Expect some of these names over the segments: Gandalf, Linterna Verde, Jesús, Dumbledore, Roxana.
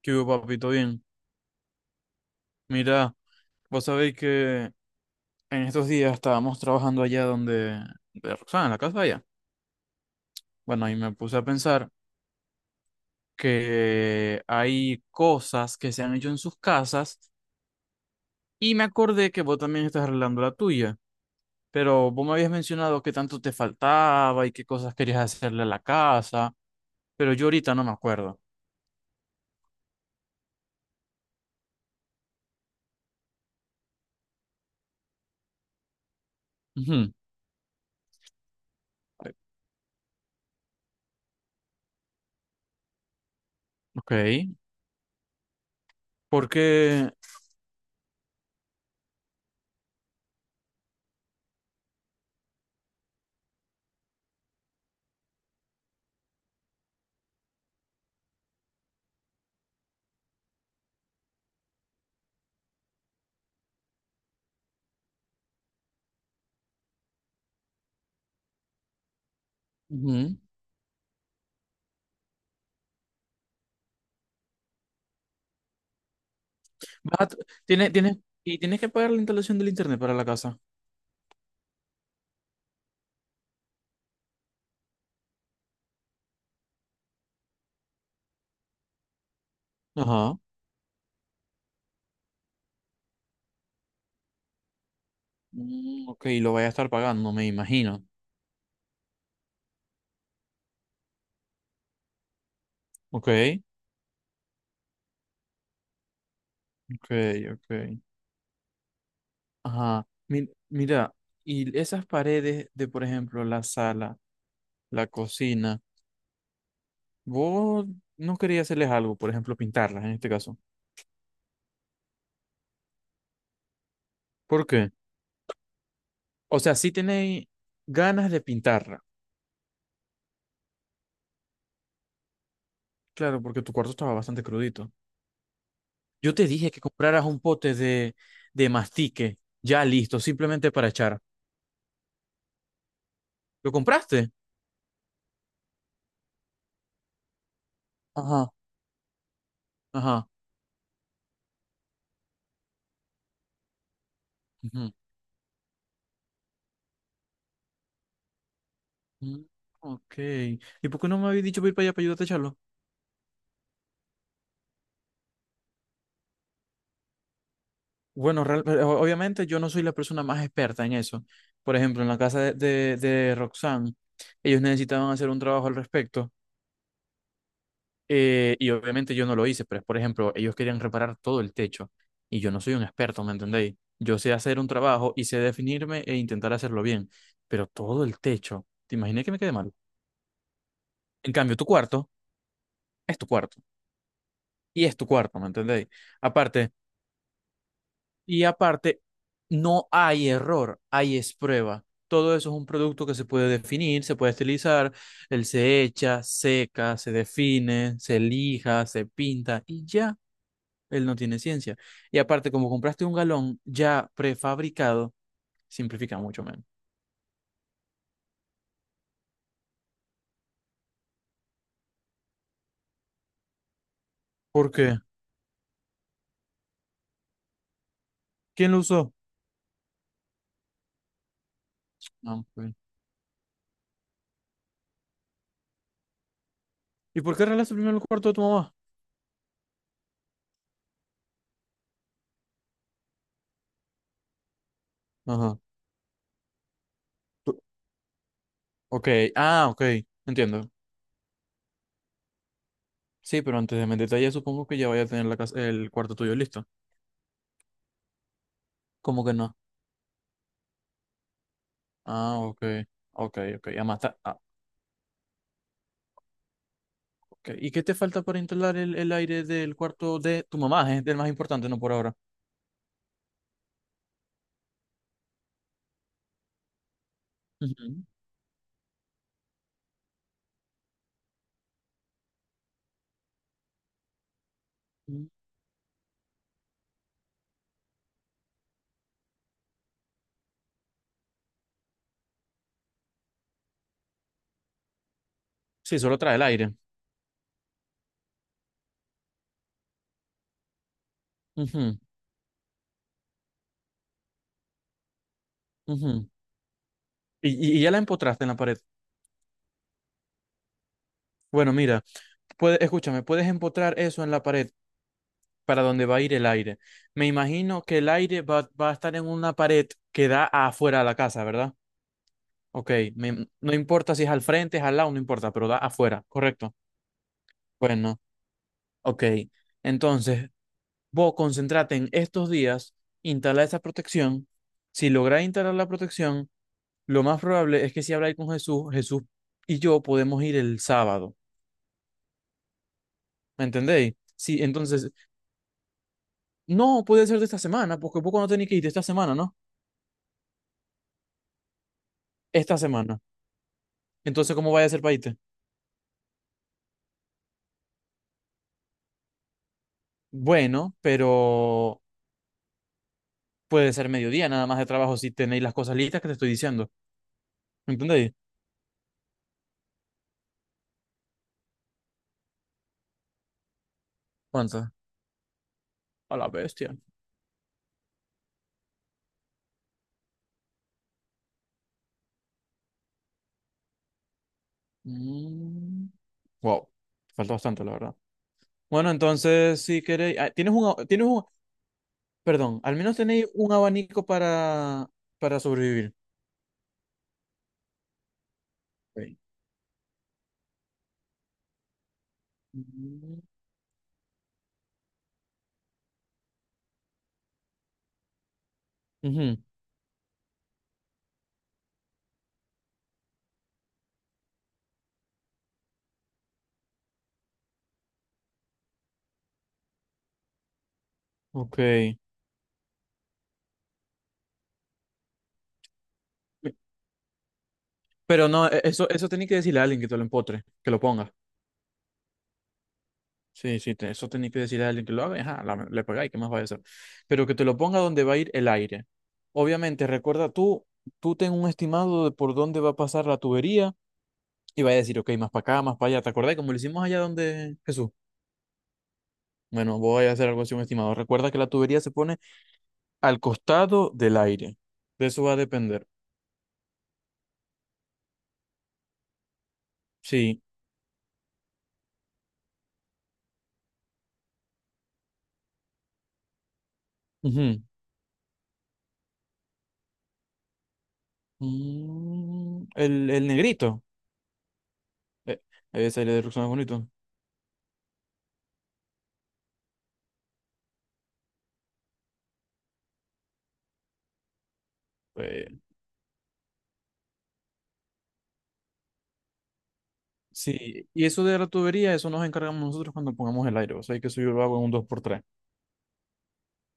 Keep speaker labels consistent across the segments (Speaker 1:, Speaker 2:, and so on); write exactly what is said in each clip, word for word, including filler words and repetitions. Speaker 1: ¿Qué hubo, papito? Bien. Mira, vos sabéis que en estos días estábamos trabajando allá donde de Roxana, en la casa de allá. Bueno, y me puse a pensar que hay cosas que se han hecho en sus casas y me acordé que vos también estás arreglando la tuya. Pero vos me habías mencionado que tanto te faltaba y qué cosas querías hacerle a la casa, pero yo ahorita no me acuerdo. Ujú. Ok, porque ujú. Vas a- t- tiene- tienes, y tienes que pagar la instalación del internet para la casa. Ajá. Mm, ok, lo voy a estar pagando, me imagino. Ok, ok, ok. Ajá. Mi- mira, y esas paredes de, por ejemplo, la sala, la cocina, vos no quería hacerles algo, por ejemplo, pintarlas en este caso. ¿Por qué? O sea, sí tenéis ganas de pintarla. Claro, porque tu cuarto estaba bastante crudito. Yo te dije que compraras un pote de, de mastique, ya listo, simplemente para echar. ¿Lo compraste? Ajá, ajá. Mm, ok. ¿Y por qué no me habéis dicho para ir para allá para ayudarte a echarlo? Bueno, real- pero o- obviamente yo no soy la persona más experta en eso. Por ejemplo, en la casa de, de, de Roxanne, ellos necesitaban hacer un trabajo al respecto. eh, y obviamente yo no lo hice, pero por ejemplo, ellos querían reparar todo el techo. Y yo no soy un experto, ¿me entendéis? Yo sé hacer un trabajo y sé definirme e intentar hacerlo bien. Pero todo el techo, ¿te imaginé que me quede mal? En cambio, tu cuarto es tu cuarto. Y es tu cuarto, ¿me entendéis? Aparte. Y aparte, no hay error, hay es prueba. Todo eso es un producto que se puede definir, se puede estilizar, él se echa, seca, se define, se lija, se pinta y ya, él no tiene ciencia. Y aparte, como compraste un galón ya prefabricado, simplifica mucho menos. ¿Por qué? ¿Quién lo usó? Ah, ok. ¿Y por qué arreglaste primero el cuarto de tu mamá? Ajá. Tú- ok, ah, ok, entiendo. Sí, pero antes de meter detalle, supongo que ya vaya a tener la casa, el cuarto tuyo listo. ¿Cómo que no? Ah, ok, ok, ok. Además, está- ah, ok. ¿Y qué te falta para instalar el, el aire del cuarto de tu mamá? Es el más importante, no por ahora. Ujú. Ujú. Sí, solo trae el aire. Ujú, ujú. Y, y- y ya la empotraste en la pared. Bueno, mira, puede, escúchame, puedes empotrar eso en la pared para donde va a ir el aire. Me imagino que el aire va, va a estar en una pared que da afuera de la casa, ¿verdad? Ok, me- no importa si es al frente, es al lado, no importa, pero da afuera, ¿correcto? Bueno, ok. Entonces, vos concentrate en estos días, instala esa protección. Si lográs instalar la protección, lo más probable es que si habláis con Jesús, Jesús y yo podemos ir el sábado. ¿Me entendéis? Sí, entonces, no puede ser de esta semana, porque vos no tenéis que ir de esta semana, ¿no? Esta semana. Entonces, ¿cómo vaya a ser para irte? Bueno, pero puede ser mediodía nada más de trabajo si tenéis las cosas listas que te estoy diciendo. ¿Me entendéis? ¿Cuántas? A la bestia. Mm. Wow, falta bastante, la verdad. Bueno, entonces, si queréis, ah, tienes un, tienes un, perdón, al menos tenéis un abanico para, para sobrevivir. Ok. Mm. Ujú, ok. Pero no, e- eso, eso tenéis que decirle a alguien que te lo empotre, que lo ponga. Sí, sí, te- eso tenéis que decirle a alguien que lo haga, y, ajá, la- le pegáis, ¿qué más va a hacer? Pero que te lo ponga donde va a ir el aire. Obviamente, recuerda tú, tú ten un estimado de por dónde va a pasar la tubería y va a decir, ok, más para acá, más para allá. ¿Te acordás? Como lo hicimos allá donde Jesús. Bueno, voy a hacer algo así, un estimado. Recuerda que la tubería se pone al costado del aire. De eso va a depender. Sí. Ujú. Mm, el, el negrito. Eh, ese de Ruxana es bonito. Eh, sí. Y eso de la tubería, eso nos encargamos nosotros cuando pongamos el aire. O sea, que eso yo lo hago en un dos por tres.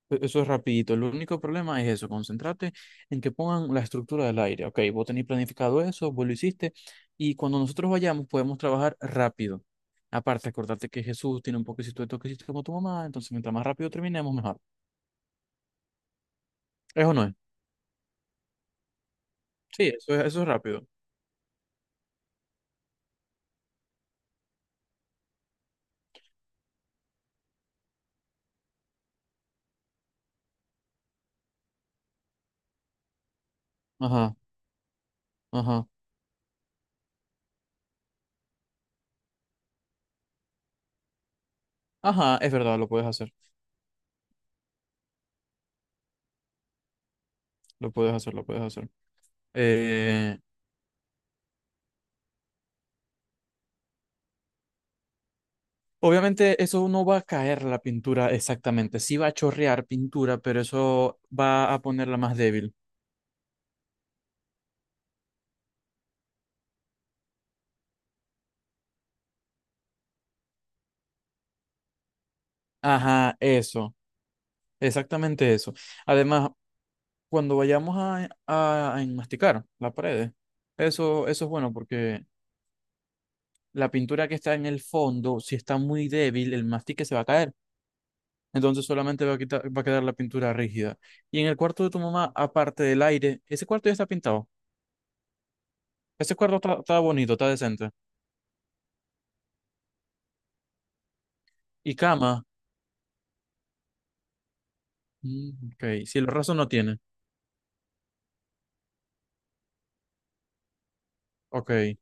Speaker 1: E- Eso es rapidito. El único problema es eso, concentrate en que pongan la estructura del aire. Ok, vos tenés planificado eso, vos lo hiciste, y cuando nosotros vayamos podemos trabajar rápido. Aparte, acordate que Jesús tiene un poquito de toquecito como tu mamá, entonces mientras más rápido terminemos, mejor. ¿Eso no es? Sí, eso es, eso es rápido. Ajá, ajá. Ajá, es verdad, lo puedes hacer, lo puedes hacer, lo puedes hacer. Eh, obviamente eso no va a caer la pintura exactamente, sí va a chorrear pintura, pero eso va a ponerla más débil. Ajá, eso, exactamente eso. Además, cuando vayamos a, a, a enmasticar la pared, eso, eso es bueno porque la pintura que está en el fondo, si está muy débil, el mastique se va a caer. Entonces solamente va a quitar, va a quedar la pintura rígida. Y en el cuarto de tu mamá, aparte del aire, ese cuarto ya está pintado. Ese cuarto está, está bonito, está decente. Y cama, mm, ok, si el raso no tiene, ok.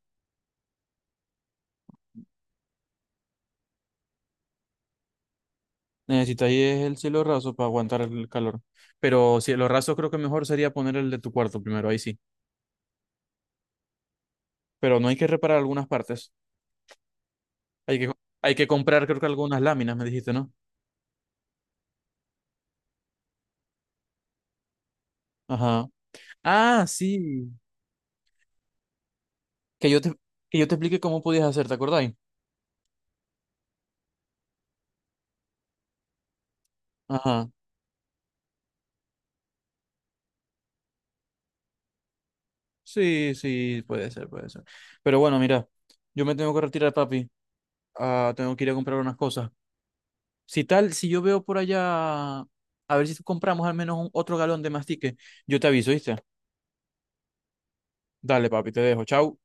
Speaker 1: Necesitáis el cielo raso para aguantar el calor. Pero cielo raso creo que mejor sería poner el de tu cuarto primero, ahí sí. Pero no hay que reparar algunas partes. Hay que, hay que comprar creo que algunas láminas, me dijiste, ¿no? Ajá. Ah, sí. Que yo te, que yo te explique cómo podías hacer, ¿te acordáis? Ajá. Sí, sí, puede ser, puede ser. Pero bueno, mira, yo me tengo que retirar, papi. Ah, tengo que ir a comprar unas cosas. Si tal, si yo veo por allá, a ver si compramos al menos un- otro galón de mastique, yo te aviso, ¿viste? Dale, papi, te dejo. Chau.